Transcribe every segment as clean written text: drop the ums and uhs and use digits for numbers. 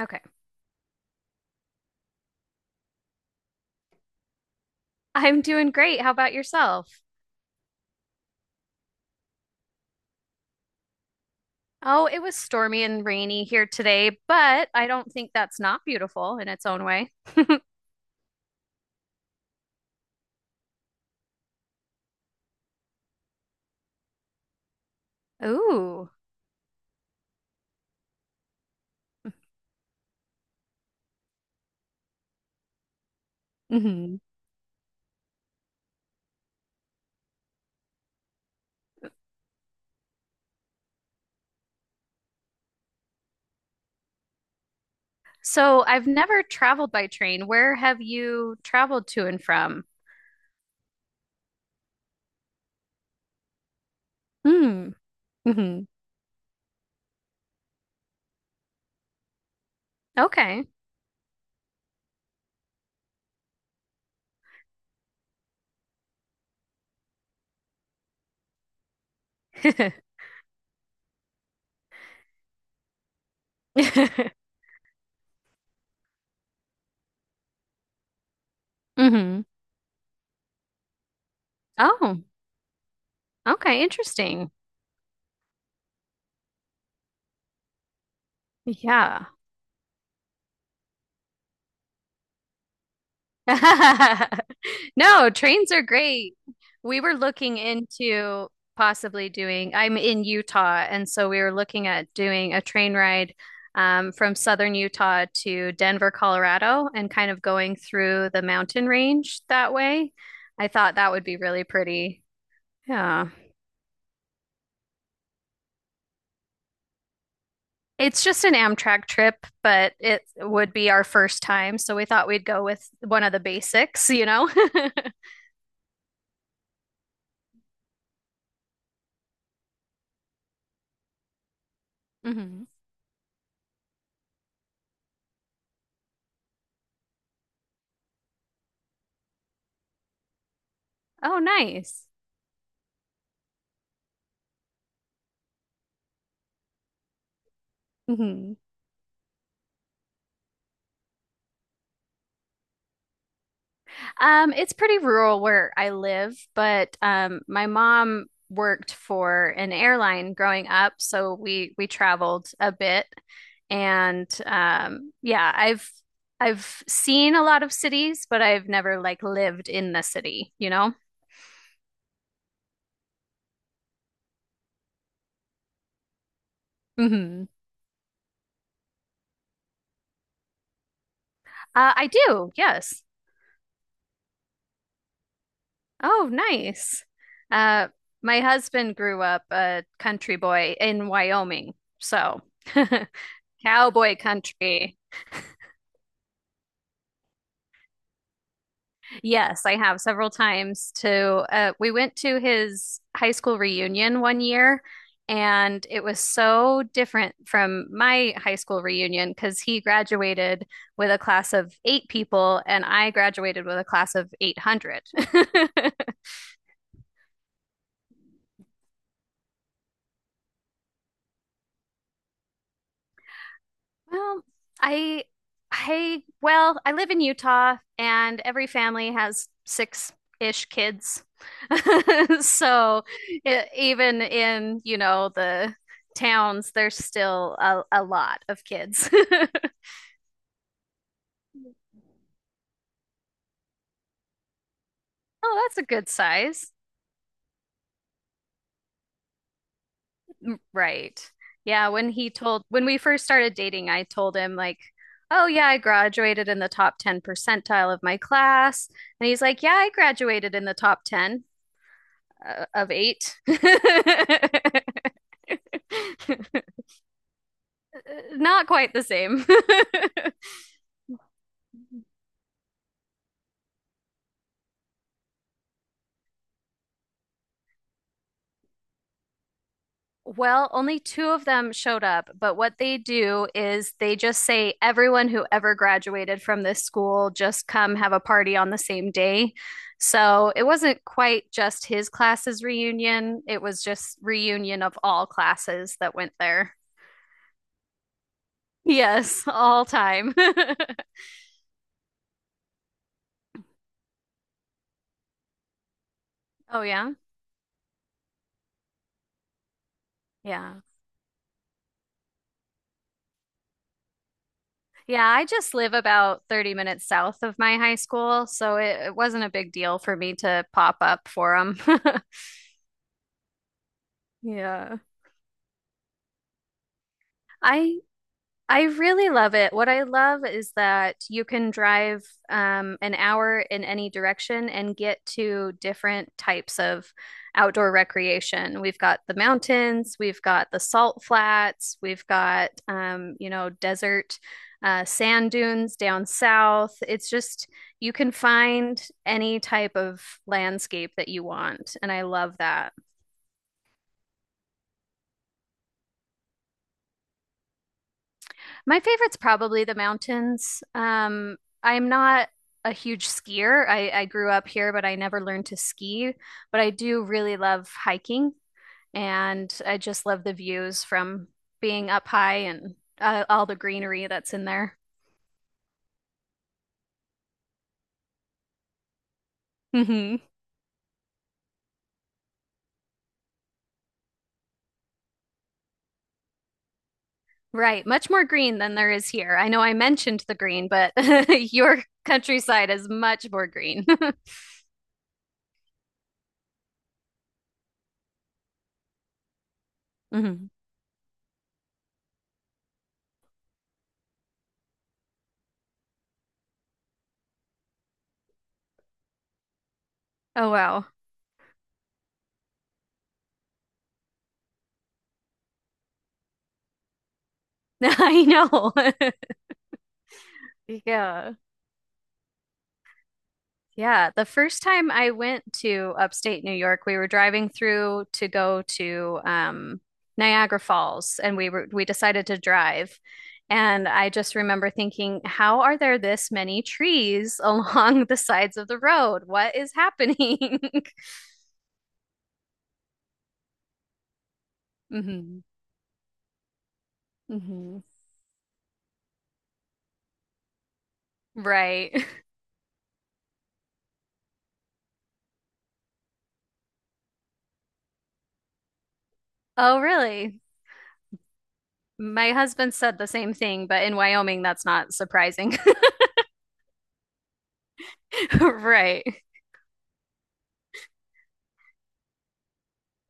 Okay. I'm doing great. How about yourself? Oh, it was stormy and rainy here today, but I don't think that's not beautiful in its own way. Ooh. Hmm. So I've never traveled by train. Where have you traveled to and from? Hmm. Hmm. Okay. Hmm. Oh, okay. Interesting. Yeah. No, trains are great. We were looking into possibly doing, I'm in Utah, and so we were looking at doing a train ride from southern Utah to Denver, Colorado, and kind of going through the mountain range that way. I thought that would be really pretty. Yeah. It's just an Amtrak trip, but it would be our first time, so we thought we'd go with one of the basics, you know? Hmm. Oh, nice. Mhm. It's pretty rural where I live, but my mom worked for an airline growing up, so we traveled a bit, and yeah, I've seen a lot of cities, but I've never like lived in the city, you know? Hmm. I do, yes. Oh, nice. Uh, my husband grew up a country boy in Wyoming, so cowboy country. Yes, I have several times to we went to his high school reunion one year and it was so different from my high school reunion because he graduated with a class of eight people and I graduated with a class of 800. Well, I I live in Utah and every family has six-ish kids. So it, even in, the towns, there's still a lot of kids. Oh, that's a good size. Right. Yeah, when he told when we first started dating, I told him like, "Oh yeah, I graduated in the top 10 percentile of my class." And he's like, "Yeah, I graduated in the top 10." Of eight. Not quite the same. Well, only two of them showed up, but what they do is they just say everyone who ever graduated from this school just come have a party on the same day. So it wasn't quite just his class's reunion, it was just reunion of all classes that went there. Yes, all time. Oh yeah. Yeah. Yeah, I just live about 30 minutes south of my high school, so it wasn't a big deal for me to pop up for them. Yeah. I I really love it. What I love is that you can drive an hour in any direction and get to different types of outdoor recreation. We've got the mountains, we've got the salt flats, we've got, desert sand dunes down south. It's just, you can find any type of landscape that you want. And I love that. My favorite's probably the mountains. I'm not a huge skier. I grew up here, but I never learned to ski. But I do really love hiking, and I just love the views from being up high and all the greenery that's in there. Hmm. Right, much more green than there is here. I know I mentioned the green, but your countryside is much more green. Hmm. Oh, wow. I know. Yeah. Yeah, the first time I went to upstate New York, we were driving through to go to Niagara Falls, and we decided to drive. And I just remember thinking, how are there this many trees along the sides of the road? What is happening? Hmm. Hmm. Right. Oh, really? My husband said the same thing, but in Wyoming, that's not surprising. Right.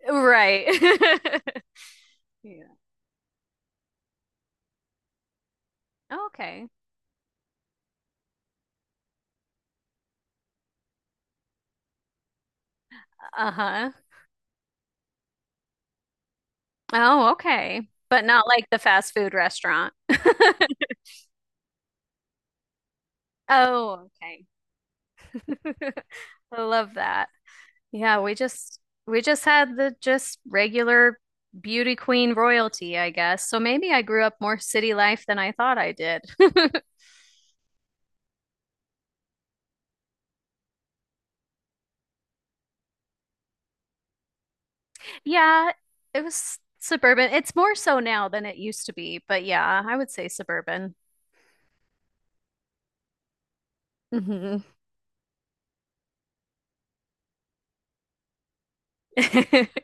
Right. Yeah. Okay. Uh-huh. Oh, okay. But not like the fast food restaurant. Oh, okay. I love that. Yeah, we just had the just regular beauty queen royalty, I guess. So maybe I grew up more city life than I thought I did. Yeah, it was suburban. It's more so now than it used to be, but yeah, I would say suburban. Hmm.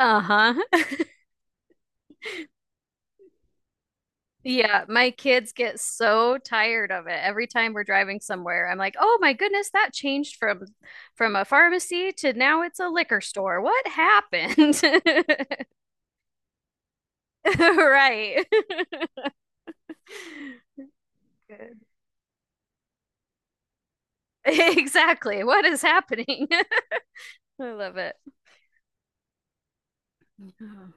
Uh-huh. Yeah, my kids get so tired of it. Every time we're driving somewhere, I'm like, "Oh my goodness, that changed from a pharmacy to now it's a liquor store. What happened?" Right. Good. Exactly. What is happening? I love it. Mhm.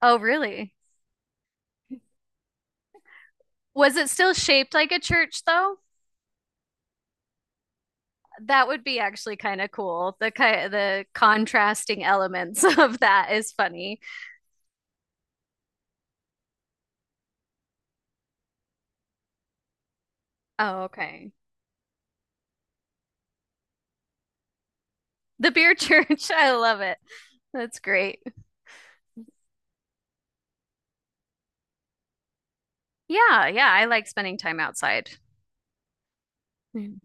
Oh, really? Was it still shaped like a church though? That would be actually kind of cool. The contrasting elements of that is funny. Oh, okay. The beer church. I love it. That's great. Yeah, yeah, I like spending time outside. Mhm.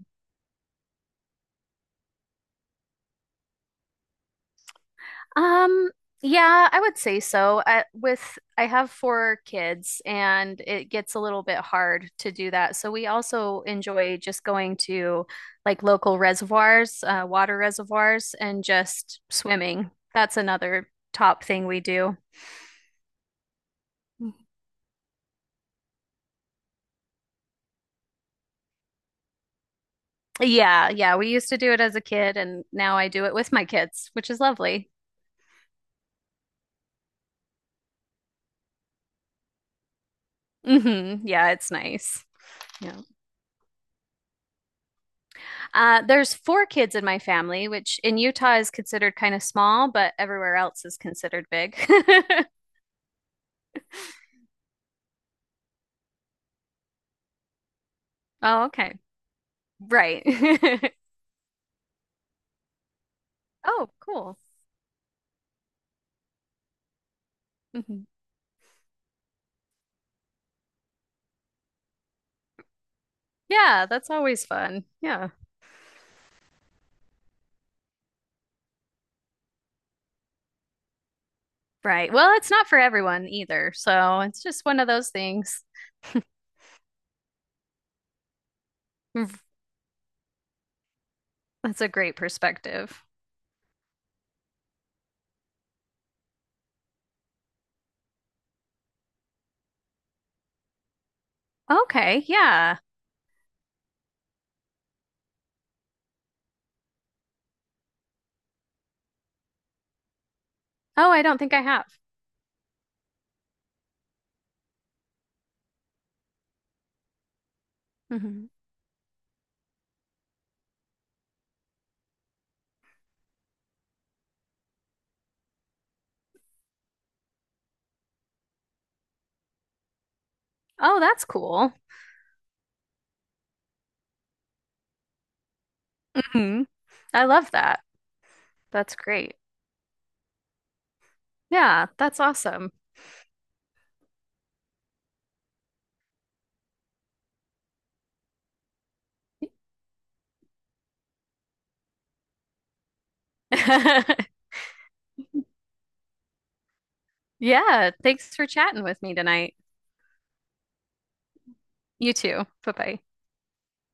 Um, yeah, I would say so. I have four kids and it gets a little bit hard to do that. So we also enjoy just going to like local reservoirs, water reservoirs, and just swimming. That's another top thing we do. Yeah, yeah, we used to do it as a kid and now I do it with my kids, which is lovely. Hmm. Yeah, it's nice. Yeah. There's four kids in my family, which in Utah is considered kind of small, but everywhere else is considered big. Oh, okay. Right. Oh, cool. Mhm. Yeah, that's always fun. Yeah. Right. Well, it's not for everyone either. So it's just one of those things. Mm. That's a great perspective. Okay. Yeah. Oh, I don't think I have. Hmm. Oh, that's cool. Hmm. I love that. That's great. Yeah, that's awesome. Yeah, thanks for chatting with me tonight. You too. Bye bye.